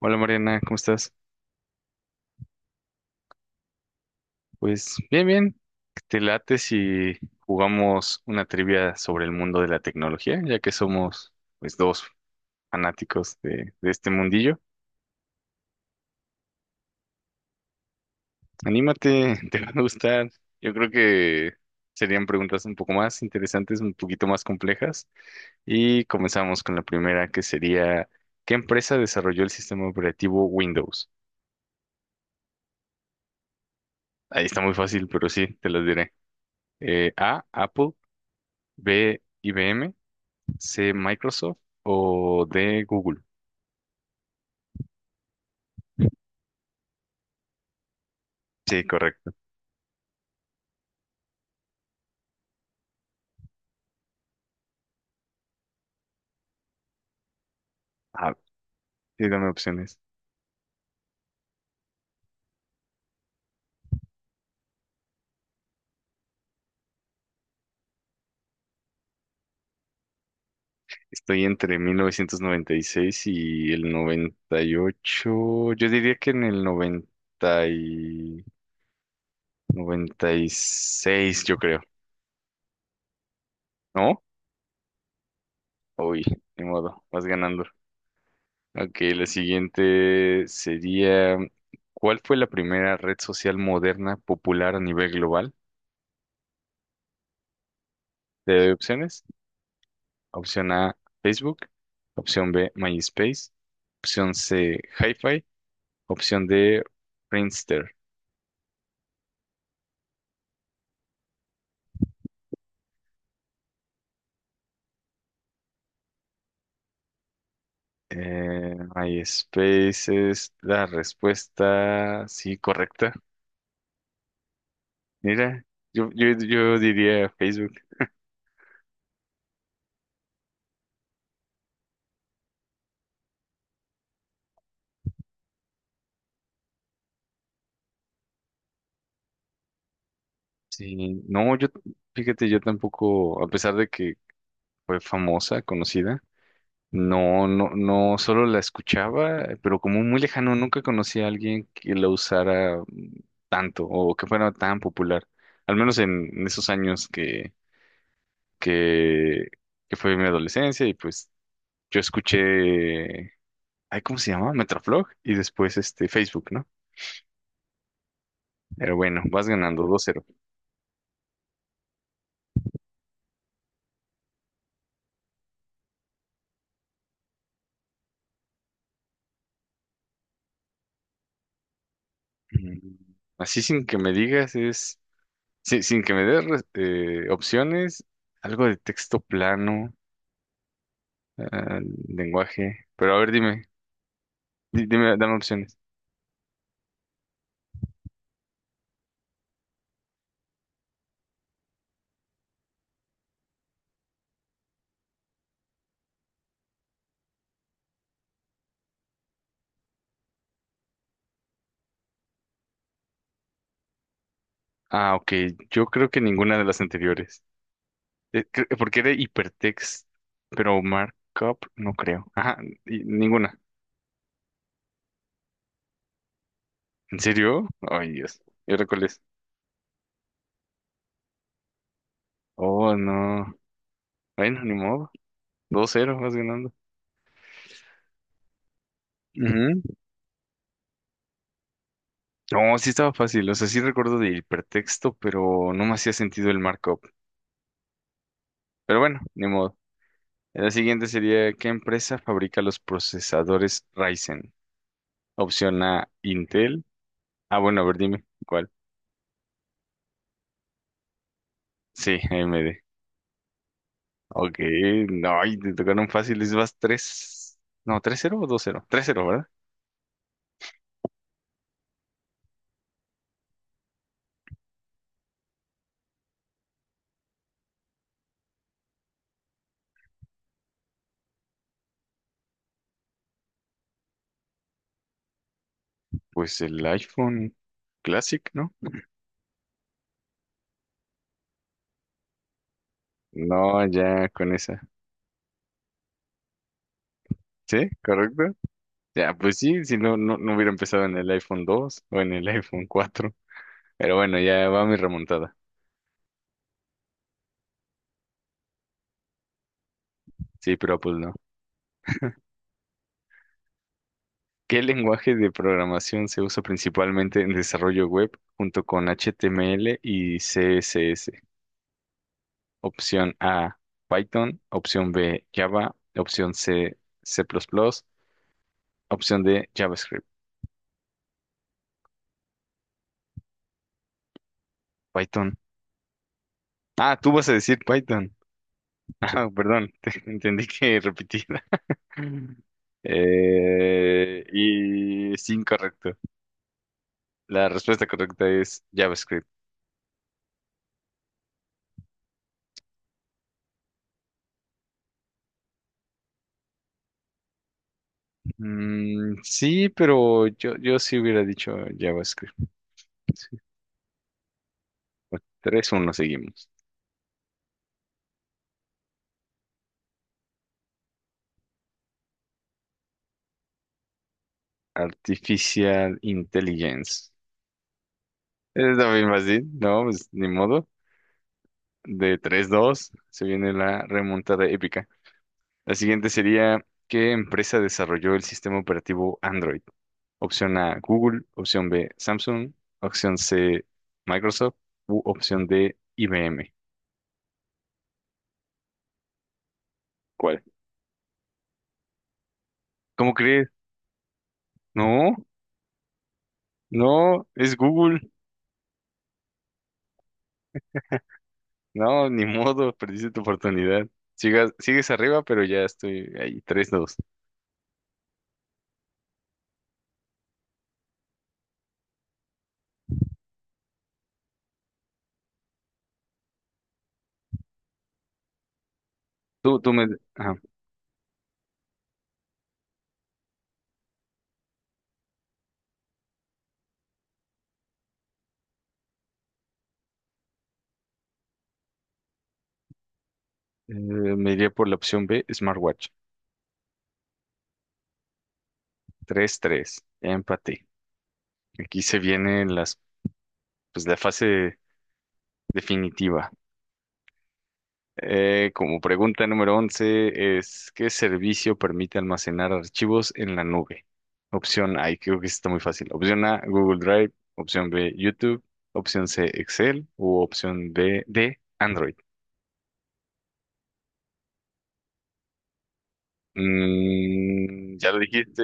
Hola Mariana, ¿cómo estás? Pues bien, bien. ¿Te late si jugamos una trivia sobre el mundo de la tecnología, ya que somos pues dos fanáticos de este mundillo? Anímate, te va a gustar. Yo creo que serían preguntas un poco más interesantes, un poquito más complejas. Y comenzamos con la primera, que sería, ¿qué empresa desarrolló el sistema operativo Windows? Ahí está muy fácil, pero sí, te las diré. A, Apple, B, IBM. ¿C Microsoft o de Google? Sí, correcto. Ah, sí, dame opciones. Estoy entre 1996 y el 98. Yo diría que en el noventa y seis, yo creo. ¿No? Uy, ni modo, vas ganando. Ok, la siguiente sería, ¿cuál fue la primera red social moderna popular a nivel global? ¿Te doy opciones? Opción A, Facebook. Opción B, MySpace. Opción C, Hi-Fi. Opción D, Friendster. MySpace es la respuesta, sí, correcta. Mira, yo diría Facebook. Sí, no, fíjate, yo tampoco, a pesar de que fue famosa, conocida. No, no, no, solo la escuchaba, pero como muy lejano, nunca conocí a alguien que la usara tanto o que fuera tan popular, al menos en esos años que, que fue mi adolescencia y pues yo escuché, ay, ¿cómo se llama? Metroflog y después este Facebook, ¿no? Pero bueno, vas ganando 2-0. Mm, Así sin que me digas es, sin que me des opciones, algo de texto plano, ah, lenguaje, pero a ver, dime. Dime, dame opciones. Ah, ok. Yo creo que ninguna de las anteriores. Porque era hipertext, pero markup no creo. Ah, y ninguna. ¿En serio? Ay, Dios. ¿Y ahora cuál es? Oh, no. Bueno, ni modo. Dos cero vas ganando. Ujú. No, sí estaba fácil. O sea, sí recuerdo de hipertexto, pero no me hacía sentido el markup. Pero bueno, ni modo. La siguiente sería, ¿qué empresa fabrica los procesadores Ryzen? Opción A, Intel. Ah, bueno, a ver, dime. Sí, A M D. Ok, no, y te tocaron fáciles, vas 3, no, 3-0 o 2-0, 3-0, ¿verdad? Pues el iPhone Classic, ¿no? No, ya con esa, ¿sí? ¿Correcto? Ya, pues sí, si no, no hubiera empezado en el iPhone 2 o en el iPhone 4, pero bueno, ya va mi remontada, sí, pero pues no. ¿Qué lenguaje de programación se usa principalmente en desarrollo web junto con HTML y CSS? Opción A, Python. Opción B, Java. Opción C, C++. Opción D, JavaScript. Python. Ah, tú vas a decir Python. Ah, perdón, entendí que repetida. Y es incorrecto. La respuesta correcta es JavaScript. Mm, sí, pero yo sí hubiera dicho JavaScript. Sí, bueno, 3-1 seguimos. Artificial Intelligence. Es lo mismo así, no, pues ni modo. De 3-2 se viene la remontada épica. La siguiente sería, ¿qué empresa desarrolló el sistema operativo Android? Opción A, Google, opción B, Samsung, opción C, Microsoft u opción D, IBM. ¿Cuál? ¿Cómo crees? No, no, es Google. No, ni modo, perdiste tu oportunidad. Sigues arriba, pero ya estoy ahí, 3-2. Tú, tú me, ajá, me iría por la opción B, Smartwatch. 3-3 ya empaté. Aquí se viene pues, la fase definitiva. Como pregunta número 11 es, ¿qué servicio permite almacenar archivos en la nube? Opción A, y creo que está muy fácil. Opción A, Google Drive. Opción B, YouTube. Opción C, Excel. U opción D, Android. Ya lo dijiste.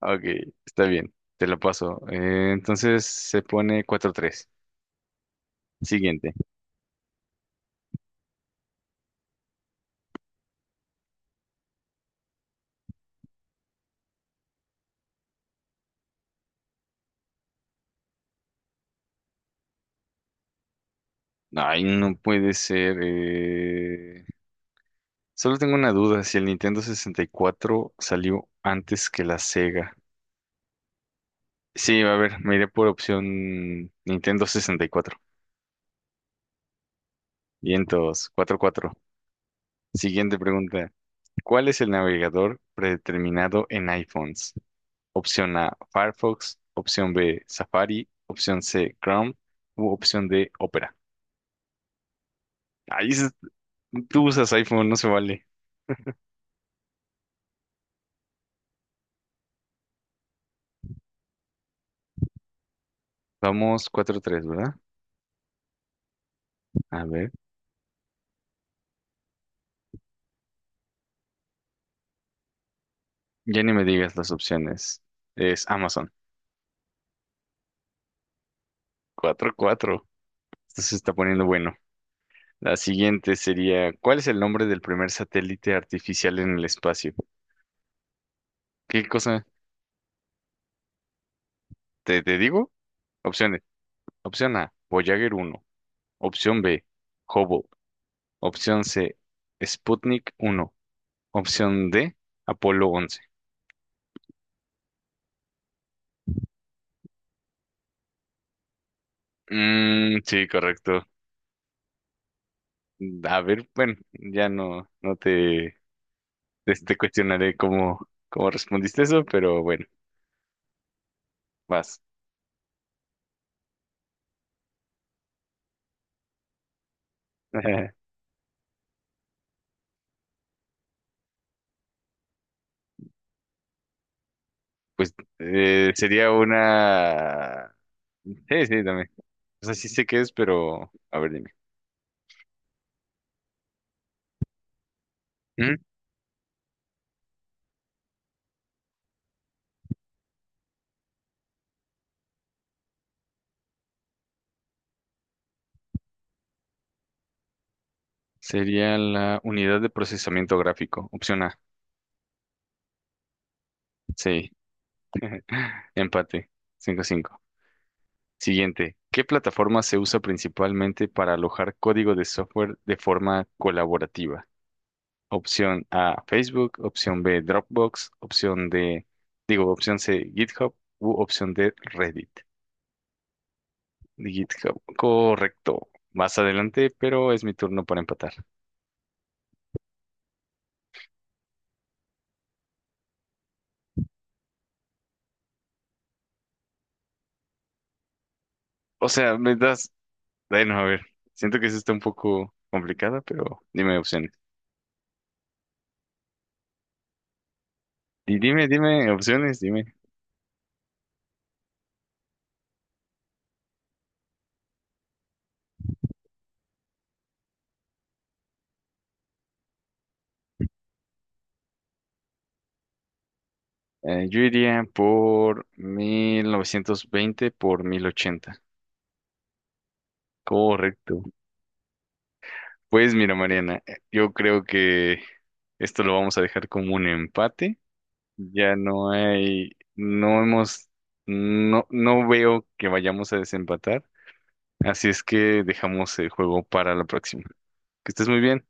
Ok, está bien. Te lo paso. Entonces se pone 4-3. Siguiente. Ay, no puede ser. Solo tengo una duda, si el Nintendo 64 salió antes que la Sega. Sí, a ver, me iré por opción Nintendo 64. Vientos, 4-4. Siguiente pregunta. ¿Cuál es el navegador predeterminado en iPhones? Opción A, Firefox. Opción B, Safari. Opción C, Chrome. U opción D, Opera. Ahí es- tú usas iPhone, no se vale. Vamos 4-3, ¿verdad? A ver. Ya ni me digas las opciones. Es Amazon. 4-4. Esto se está poniendo bueno. La siguiente sería, ¿cuál es el nombre del primer satélite artificial en el espacio? ¿Qué cosa? ¿Te digo? Opciones. Opción A, Voyager 1. Opción B, Hubble. Opción C, Sputnik 1. Opción D, Apolo 11. Mm, sí, correcto. A ver, bueno, ya no te cuestionaré cómo respondiste eso, pero bueno, vas. Pues sería una... Sí, sí, dame. O sea, sí sé qué es, pero a ver, dime. ¿Mm? Sería la unidad de procesamiento gráfico. Opción A. Sí. Empate. 5-5. Siguiente. ¿Qué plataforma se usa principalmente para alojar código de software de forma colaborativa? Opción A, Facebook. Opción B, Dropbox. Opción opción C, GitHub. U opción D, Reddit. GitHub. Correcto. Más adelante, pero es mi turno para empatar. O sea, me das bueno, a ver, siento que eso está un poco complicada, pero dime opciones. Y dime opciones, dime. Yo iría por 1920x1080. Correcto. Pues mira, Mariana, yo creo que esto lo vamos a dejar como un empate. Ya no hay, no hemos, no, no veo que vayamos a desempatar. Así es que dejamos el juego para la próxima. Que estés muy bien.